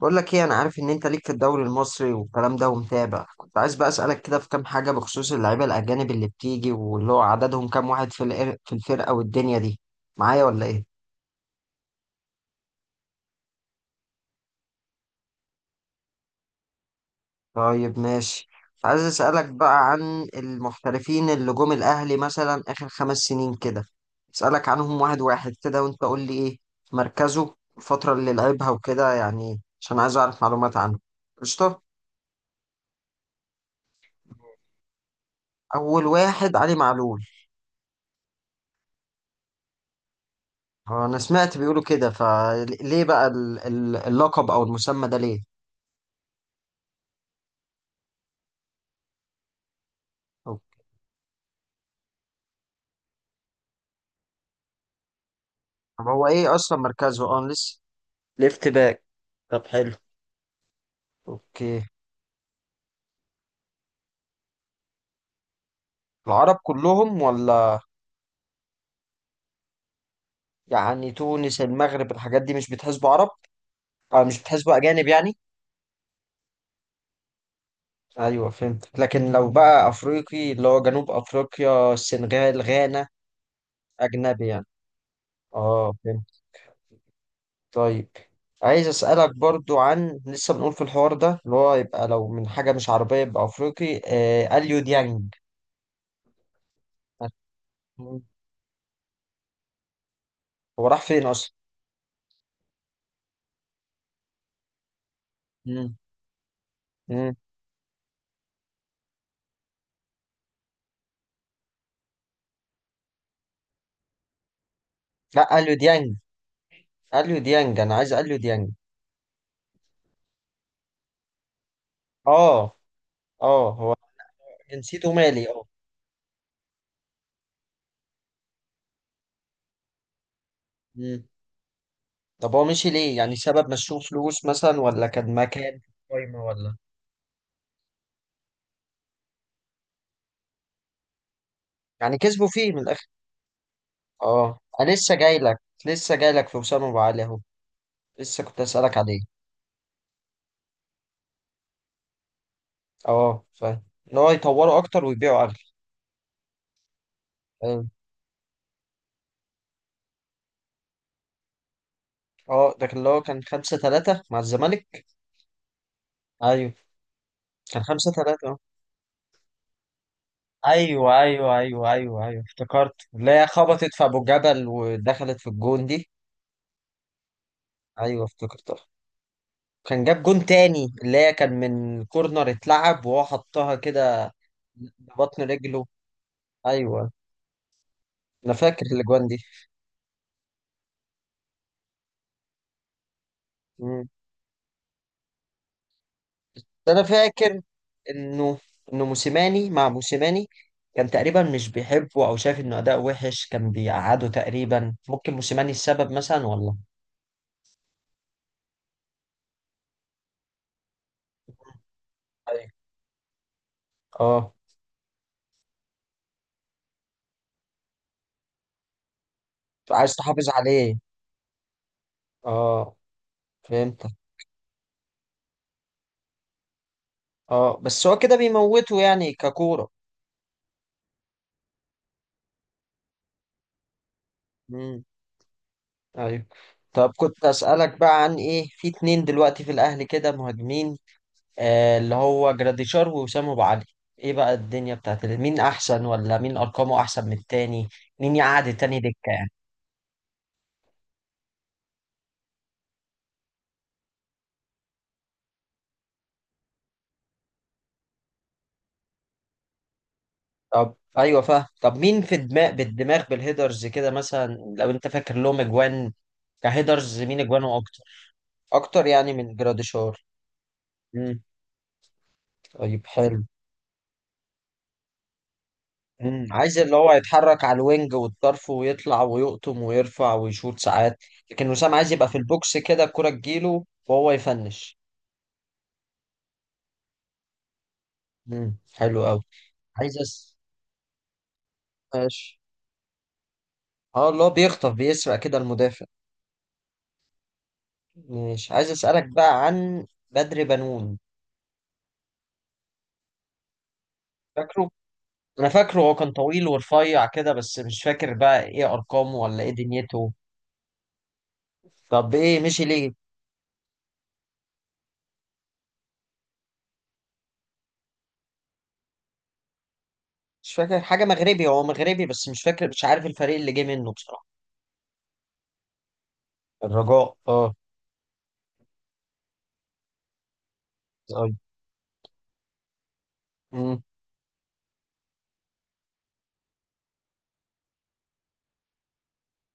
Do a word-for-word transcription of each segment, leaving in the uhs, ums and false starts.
بقول لك ايه، انا عارف ان انت ليك في الدوري المصري والكلام ده ومتابع. كنت عايز بقى اسالك كده في كام حاجه بخصوص اللعيبه الاجانب اللي بتيجي، واللي هو عددهم كام واحد في الإر- في الفرقه والدنيا دي، معايا ولا ايه؟ طيب ماشي. كنت عايز اسالك بقى عن المحترفين اللي جم الاهلي مثلا اخر خمس سنين كده، اسالك عنهم واحد واحد كده وانت قول لي ايه مركزه، الفتره اللي لعبها وكده، يعني عشان عايز اعرف معلومات عنه. قشطه. اول واحد علي معلول. هو انا سمعت بيقولوا كده، فليه بقى ال- ال- اللقب او المسمى ده ليه؟ طب طب هو ايه اصلا مركزه؟ اه لسه. ليفت باك. طب حلو. اوكي. العرب كلهم ولا؟ يعني تونس، المغرب، الحاجات دي مش بتحسبوا عرب، او مش بتحسبوا اجانب يعني؟ ايوه فهمت، لكن لو بقى افريقي، اللي هو جنوب افريقيا، السنغال، غانا، اجنبي يعني؟ اه فهمت. طيب. عايز أسألك برضو عن، لسه بنقول في الحوار ده، اللي هو يبقى لو من حاجة مش عربية يبقى أفريقي، آه أليو ديانج. مم. هو راح فين أصلا؟ مم. مم. لا أليو ديانج، أليو ديانج، أنا عايز أليو ديانج. آه. آه هو. جنسيته مالي آه. مم. طب هو مشي ليه؟ يعني سبب مشوه فلوس مثلا، ولا كان مكان في القايمة ولا؟ يعني كسبوا فيه من الآخر. آه أنا لسه جاي لك. لسه جاي لك في أسامة أبو علي أهو. لسه كنت أسألك عليه. اه فاهم، ان هو يطوروا اكتر ويبيعوا اغلى. ايوه. اه، ده كان اللي هو كان خمسة ثلاثة مع الزمالك. ايوه كان خمسة ثلاثة. ايوه ايوه ايوه ايوه ايوه، افتكرت اللي هي خبطت في ابو جبل ودخلت في الجون دي. ايوه افتكرتها. كان جاب جون تاني اللي هي كان من كورنر اتلعب وهو حطها كده ببطن رجله. ايوه. انا فاكر الاجوان دي. مم. بس انا فاكر انه انه موسيماني مع موسيماني كان تقريبا مش بيحبه، او شايف انه اداء وحش كان بيقعده تقريبا، ممكن موسيماني السبب مثلا ولا؟ أيوة. اه. عايز تحافظ عليه. اه فهمتك. اه بس هو كده بيموته يعني ككورة. امم. ايوه. طب كنت اسالك بقى عن ايه، في اتنين دلوقتي في الاهلي كده مهاجمين، آه، اللي هو جراديشار ووسام ابو علي، ايه بقى الدنيا بتاعت ال- مين احسن، ولا مين ارقامه احسن من التاني؟ مين يقعد التاني دكة يعني؟ طب ايوه فاهم. طب مين في دماغ بالدماغ بالهيدرز كده مثلا، لو انت فاكر لهم اجوان كهيدرز مين اجوانه اكتر؟ اكتر يعني من جراديشار؟ امم. طيب حلو. امم. عايز اللي هو يتحرك على الوينج والطرف ويطلع ويقطم ويرفع ويشوط ساعات، لكن وسام عايز يبقى في البوكس كده، الكرة تجيله وهو يفنش. امم حلو قوي. عايز أس... ماشي. اه اللي هو بيخطف بيسرق كده المدافع. ماشي. عايز اسألك بقى عن بدر بنون. فاكره؟ انا فاكره، هو كان طويل ورفيع كده، بس مش فاكر بقى ايه ارقامه ولا ايه دنيته. طب ايه مشي ليه؟ مش فاكر حاجة، مغربي، هو مغربي، بس مش فاكر، مش عارف الفريق اللي جه منه بصراحة. الرجاء اه. طيب. امم.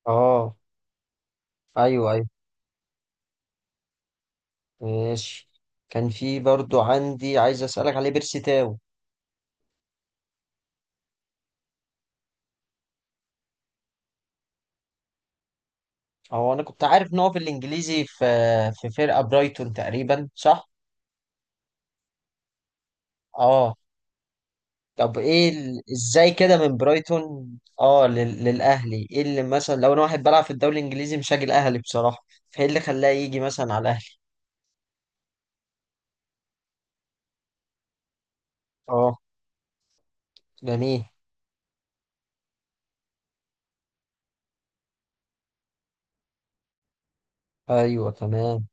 اه. ايوه ايوه. ماشي. كان في برضو عندي عايز اسألك عليه، بيرسي تاو. هو انا كنت عارف ان هو في الانجليزي، في في فرقة برايتون تقريبا صح؟ اه. طب ايه ال... ازاي كده من برايتون، اه لل... للاهلي، ايه اللي مثلا لو انا واحد بلعب في الدوري الانجليزي مش هاجي الاهلي بصراحه، فايه اللي خلاه يجي مثلا على الاهلي؟ اه. جميل. ايوه تمام.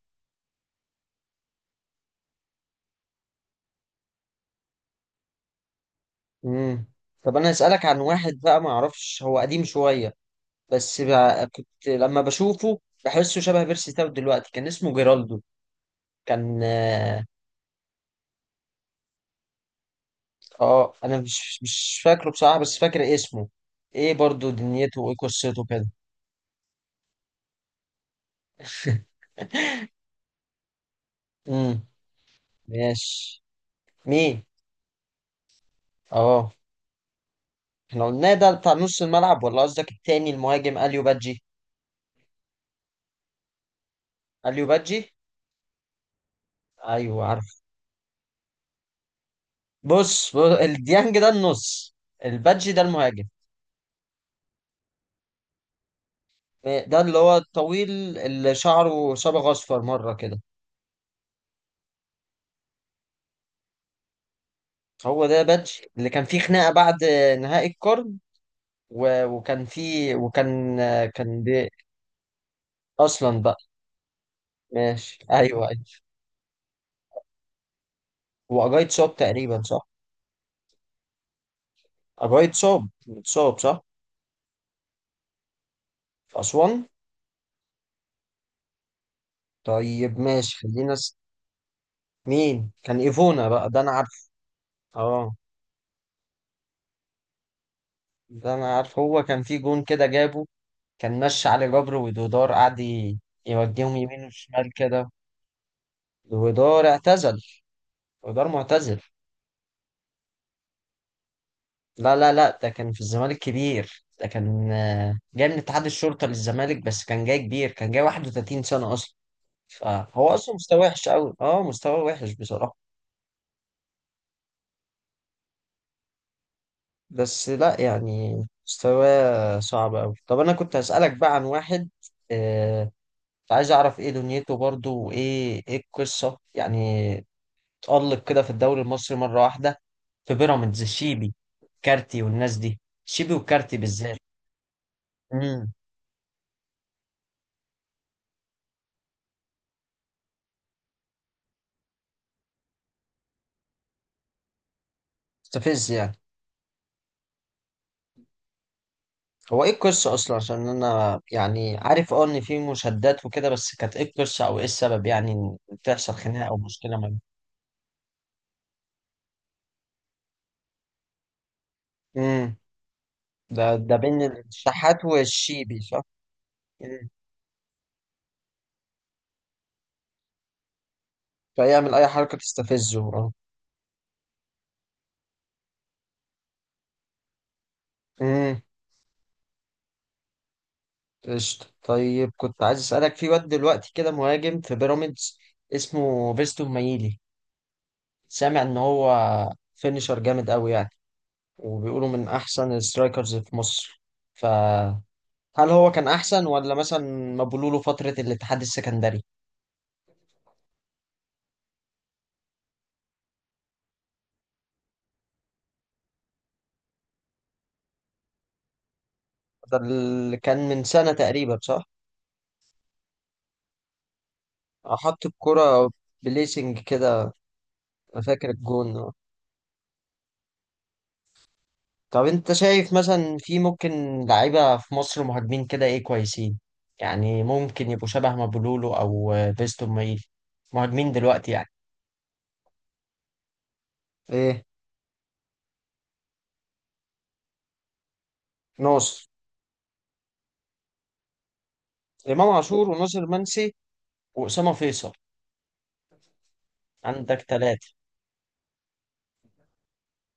امم. طب انا اسالك عن واحد بقى ما اعرفش، هو قديم شويه، بس بقى كنت لما بشوفه بحسه شبه بيرسي تاو دلوقتي، كان اسمه جيرالدو. كان اه. آه، انا مش مش فاكره بصراحه، بس فاكر اسمه. ايه برضو دنيته وايه قصته كده؟ امم. ماشي. مين؟ اه. احنا قلناه ده بتاع نص الملعب، ولا قصدك التاني المهاجم اليو بادجي؟ اليو بادجي. ايوه عارف. بص, بص الديانج ده النص، البادجي ده المهاجم. ده اللي هو الطويل اللي شعره صبغ اصفر مره كده؟ هو ده بادجي اللي كان فيه خناقه بعد نهائي القرن، و... وكان فيه وكان كان بي... اصلا بقى. ماشي ايوه ايوه. هو اجايد صوب تقريبا صح؟ اجايد صوب. صوب صح. في اسوان. طيب ماشي خلينا. مين كان ايفونا بقى ده انا عارفه. اه. ده انا عارفه، هو كان في جون كده جابه، كان ماشي علي جبر ودودار، قعد ي- يوجههم يمين وشمال كده. ودودار اعتزل. ودودار معتزل. لا لا لا، ده كان في الزمالك كبير، ده كان آه، جاي من اتحاد الشرطة للزمالك، بس كان جاي كبير، كان جاي واحد وثلاثين سنة اصلا، فهو اصلا مستواه وحش قوي، اه مستواه وحش بصراحة. بس لا يعني، مستواه صعب قوي. طب انا كنت هسألك بقى عن واحد، آه، فعايز اعرف ايه دنيته برضو، وايه ايه القصه يعني، اتألق كده في الدوري المصري مره واحده في بيراميدز، الشيبي، كارتي والناس دي، شيبي وكارتي بالذات. امم. مستفز يعني. هو ايه القصه اصلا؟ عشان انا يعني عارف اه ان في مشادات وكده، بس كانت ايه القصه او ايه السبب يعني ان تحصل خناقه او مشكله ما بين؟ امم. ده ده بين الشحات والشيبي صح؟ امم. فيعمل اي حركه تستفزه اه. امم. قشطة. طيب كنت عايز أسألك، في واد دلوقتي كده مهاجم في بيراميدز اسمه فيستون مايلي، سامع إن هو فينيشر جامد أوي يعني، وبيقولوا من أحسن السترايكرز في مصر. فهل هو كان أحسن ولا مثلا مبولوله فترة الاتحاد السكندري؟ ده اللي كان من سنة تقريبا صح؟ حط الكرة بليسنج كده. أنا فاكر الجون. طب انت شايف مثلا في ممكن لعيبة في مصر مهاجمين كده ايه كويسين، يعني ممكن يبقوا شبه مابولولو او فيستون مايلي، مهاجمين دلوقتي يعني؟ ايه. ناصر. امام عاشور وناصر منسي. واسامة فيصل. عندك ثلاثة.